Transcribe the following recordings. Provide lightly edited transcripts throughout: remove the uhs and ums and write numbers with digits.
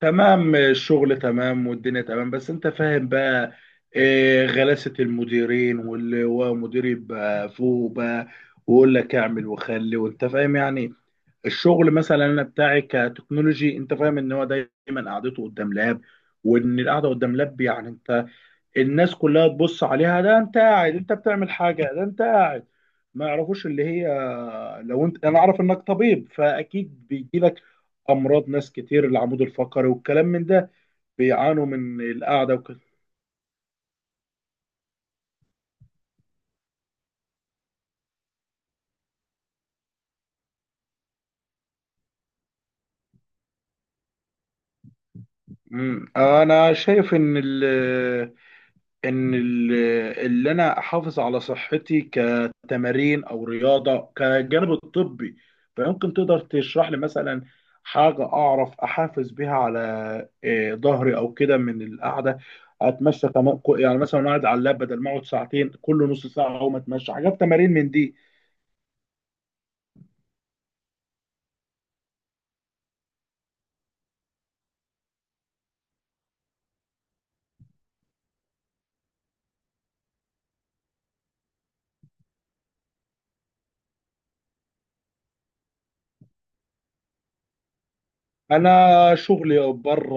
تمام، الشغل تمام والدنيا تمام، بس انت فاهم بقى. غلاسة المديرين، واللي هو مدير يبقى فوق بقى ويقول لك اعمل وخلي، وانت فاهم يعني. الشغل مثلا انا بتاعي كتكنولوجي، انت فاهم ان هو دايما قعدته قدام لاب، وان القعده قدام لاب يعني انت الناس كلها تبص عليها، ده انت قاعد، انت بتعمل حاجه، ده انت قاعد. ما يعرفوش اللي هي. لو انت، انا اعرف انك طبيب فاكيد بيجي لك امراض ناس كتير، العمود الفقري والكلام من ده، بيعانوا من القعده وكده. مم. انا شايف ان ان ال- اللي انا احافظ على صحتي كتمارين او رياضه كجانب الطبي، فيمكن تقدر تشرح لي مثلا حاجه اعرف احافظ بيها على ظهري او كده من القعده. اتمشى كمان، يعني مثلا قاعد على اللاب، بدل ما اقعد ساعتين كل نص ساعه اقوم اتمشى، حاجات تمارين من دي. انا شغلي بره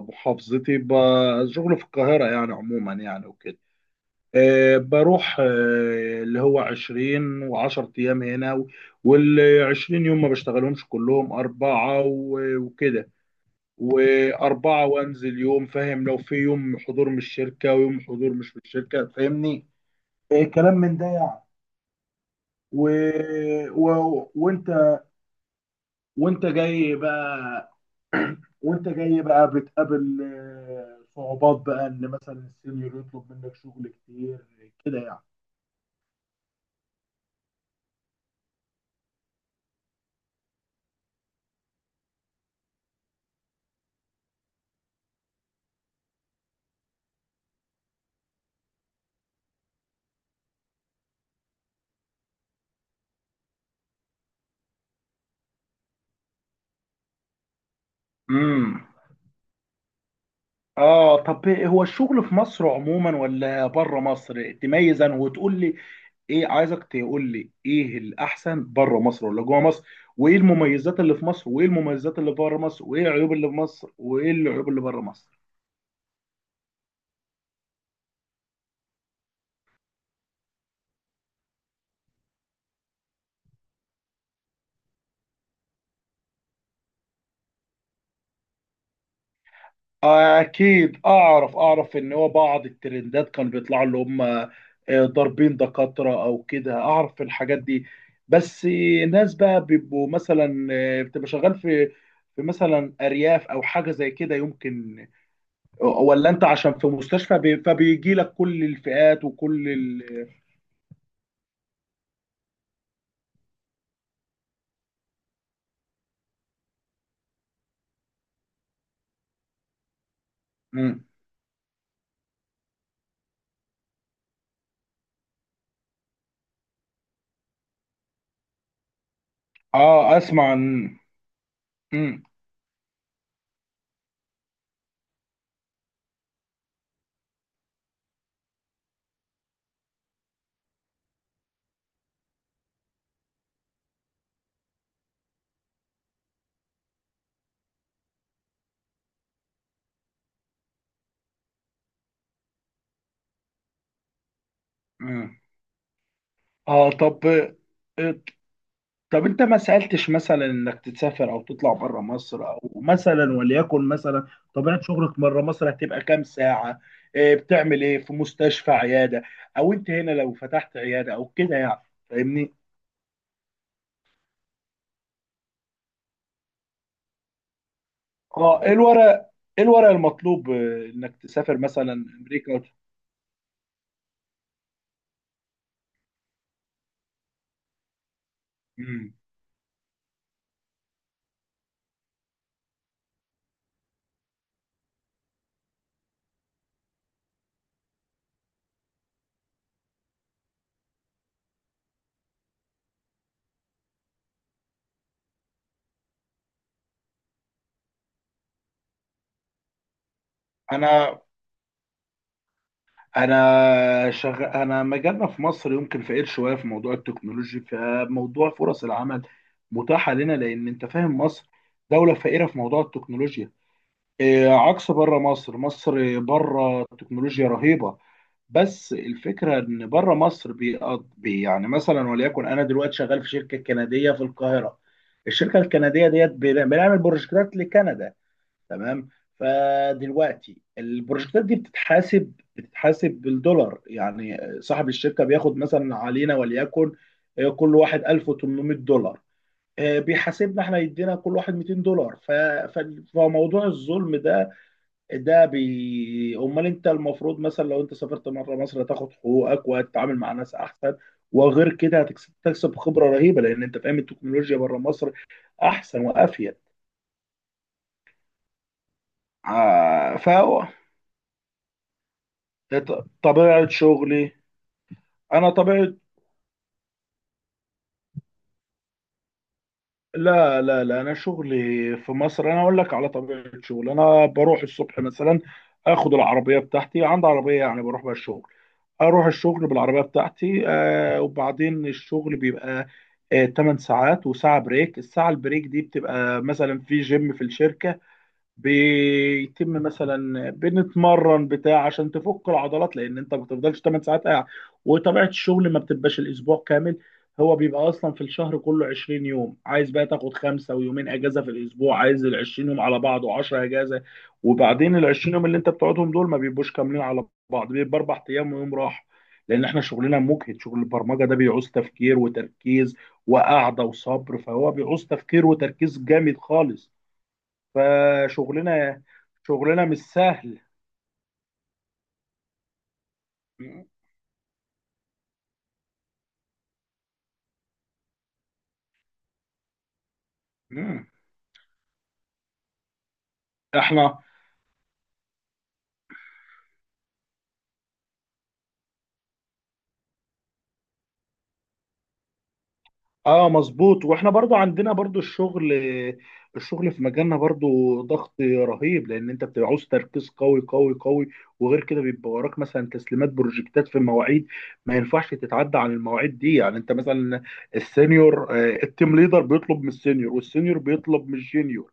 محافظتي، شغلي في القاهره يعني، عموما يعني وكده. بروح اللي هو 20 و10 ايام هنا، وال 20 يوم ما بشتغلهمش كلهم، اربعه وكده، واربعه، وانزل يوم، فاهم، لو في يوم حضور من الشركه ويوم حضور مش من الشركه، فاهمني، كلام من ده يعني. و... و... وانت وانت جاي بقى بتقابل صعوبات بقى، ان مثلا السينيور يطلب منك شغل كتير، كده يعني. اه طب، هو الشغل في مصر عموما ولا بره مصر؟ تميز انا وتقول لي ايه، عايزك تقول لي ايه الاحسن، بره مصر ولا جوه مصر؟ وايه المميزات اللي في مصر، وايه المميزات اللي بره مصر، وايه العيوب اللي في مصر، وايه العيوب اللي بره مصر؟ اكيد، اعرف ان هو بعض الترندات كان بيطلعوا اللي هم ضاربين دكاترة او كده، اعرف الحاجات دي. بس ناس بقى بيبقوا مثلا بتبقى شغال في مثلا ارياف او حاجه زي كده، يمكن؟ ولا انت عشان في مستشفى، فبيجي لك كل الفئات وكل مم. اه، اسمع عن. مم. مم. اه طب، آه، طب انت ما سألتش مثلا انك تسافر او تطلع بره مصر، او مثلا وليكن مثلا طبيعة شغلك بره مصر هتبقى كام ساعة؟ بتعمل ايه في مستشفى، عيادة؟ او انت هنا لو فتحت عيادة او كده يعني، فاهمني؟ اه، ايه الورق المطلوب انك تسافر مثلا امريكا؟ مم. انا انا مجالنا في مصر يمكن فقير شويه في موضوع التكنولوجي، فموضوع فرص العمل متاحه لنا، لان انت فاهم مصر دوله فقيره في موضوع التكنولوجيا. إيه، عكس بره مصر، مصر بره التكنولوجيا رهيبه. بس الفكره ان بره مصر بيقض... بي يعني مثلا وليكن انا دلوقتي شغال في شركه كنديه في القاهره. الشركه الكنديه ديت، بنعمل بروجكتات لكندا، تمام. فدلوقتي البروجكتات دي بتتحاسب بالدولار، يعني صاحب الشركة بياخد مثلا علينا وليكن كل واحد $1800، بيحاسبنا احنا يدينا كل واحد $200. ف... فموضوع الظلم ده، امال انت المفروض مثلا لو انت سافرت مره مصر هتاخد حقوقك وهتتعامل مع ناس احسن، وغير كده هتكسب خبره رهيبه لان انت فاهم التكنولوجيا بره مصر احسن وافيد. ع- ف طبيعة شغلي، أنا طبيعة لا لا لا، أنا شغلي في مصر. أنا أقول لك على طبيعة شغلي. أنا بروح الصبح مثلا، آخد العربية بتاعتي، عندي عربية يعني، بروح بها الشغل. أروح الشغل بالعربية بتاعتي، وبعدين الشغل بيبقى 8 ساعات وساعة بريك. الساعة البريك دي بتبقى مثلا في جيم في الشركة، بيتم مثلا بنتمرن بتاع عشان تفك العضلات، لان انت ما بتفضلش 8 ساعات قاعد. وطبيعه الشغل ما بتبقاش الاسبوع كامل، هو بيبقى اصلا في الشهر كله 20 يوم، عايز بقى تاخد خمسه ويومين اجازه في الاسبوع. عايز ال 20 يوم على بعض و10 اجازه، وبعدين ال 20 يوم اللي انت بتقعدهم دول ما بيبقوش كاملين على بعض، بيبقى اربع ايام ويوم راحه، لان احنا شغلنا مجهد. شغل البرمجه ده بيعوز تفكير وتركيز وقعده وصبر، فهو بيعوز تفكير وتركيز جامد خالص. فشغلنا شغلنا مش سهل. مم. مم. احنا، اه، مظبوط. واحنا برضو عندنا برضو الشغل في مجالنا برضو ضغط رهيب، لان انت بتبقى عاوز تركيز قوي قوي قوي. وغير كده بيبقى وراك مثلا تسليمات بروجكتات في مواعيد ما ينفعش تتعدى عن المواعيد دي، يعني انت مثلا السينيور، التيم ليدر بيطلب من السينيور، والسينيور بيطلب من الجينيور،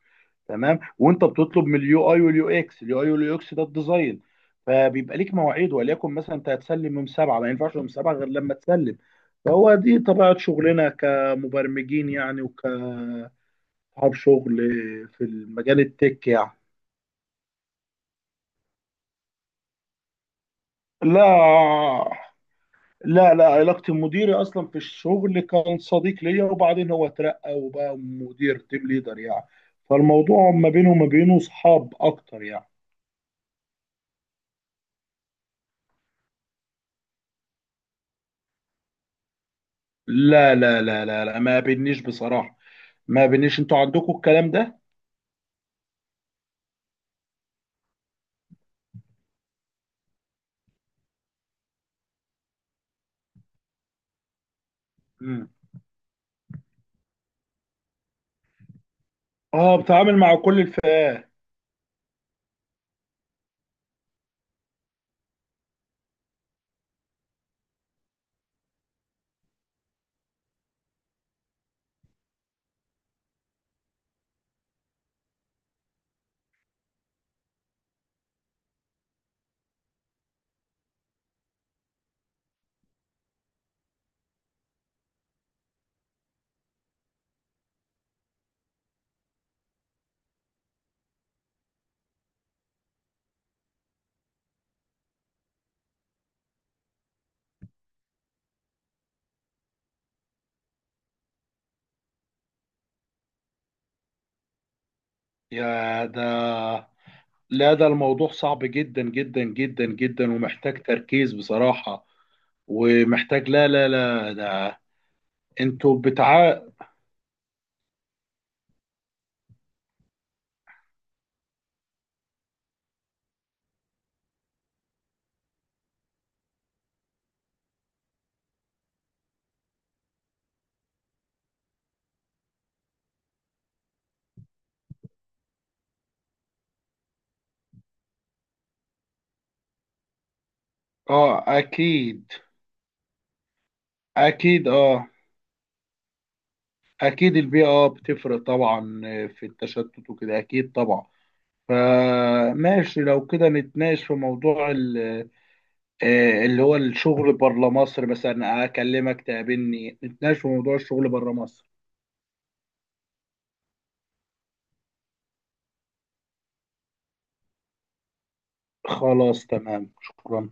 تمام. وانت بتطلب من اليو اي واليو اكس، اليو اي واليو اكس ده الديزاين. فبيبقى ليك مواعيد وليكن مثلا انت هتسلم يوم سبعه، ما ينفعش يوم سبعه غير لما تسلم. فهو دي طبيعه شغلنا كمبرمجين يعني، اصحاب شغل في المجال التك يعني. لا لا لا، علاقتي بمديري اصلا في الشغل كان صديق ليا، وبعدين هو اترقى وبقى مدير تيم ليدر يعني، فالموضوع ما بينه وما بينه صحاب اكتر يعني. لا لا لا لا لا، ما بينيش بصراحة، ما بينيش. انتوا عندكم الكلام ده؟ مم. اه، بتعامل مع كل الفئات. يا ده، لا، ده الموضوع صعب جدا جدا جدا جدا ومحتاج تركيز بصراحة، ومحتاج، لا لا لا، ده انتوا بتاع. اه اكيد اكيد. اه اكيد البيئة اه بتفرق طبعا في التشتت وكده، اكيد طبعا. فماشي، لو كده نتناقش في موضوع اللي هو الشغل بره مصر، مثلا اكلمك تقابلني نتناقش في موضوع الشغل بره مصر. خلاص تمام، شكرا.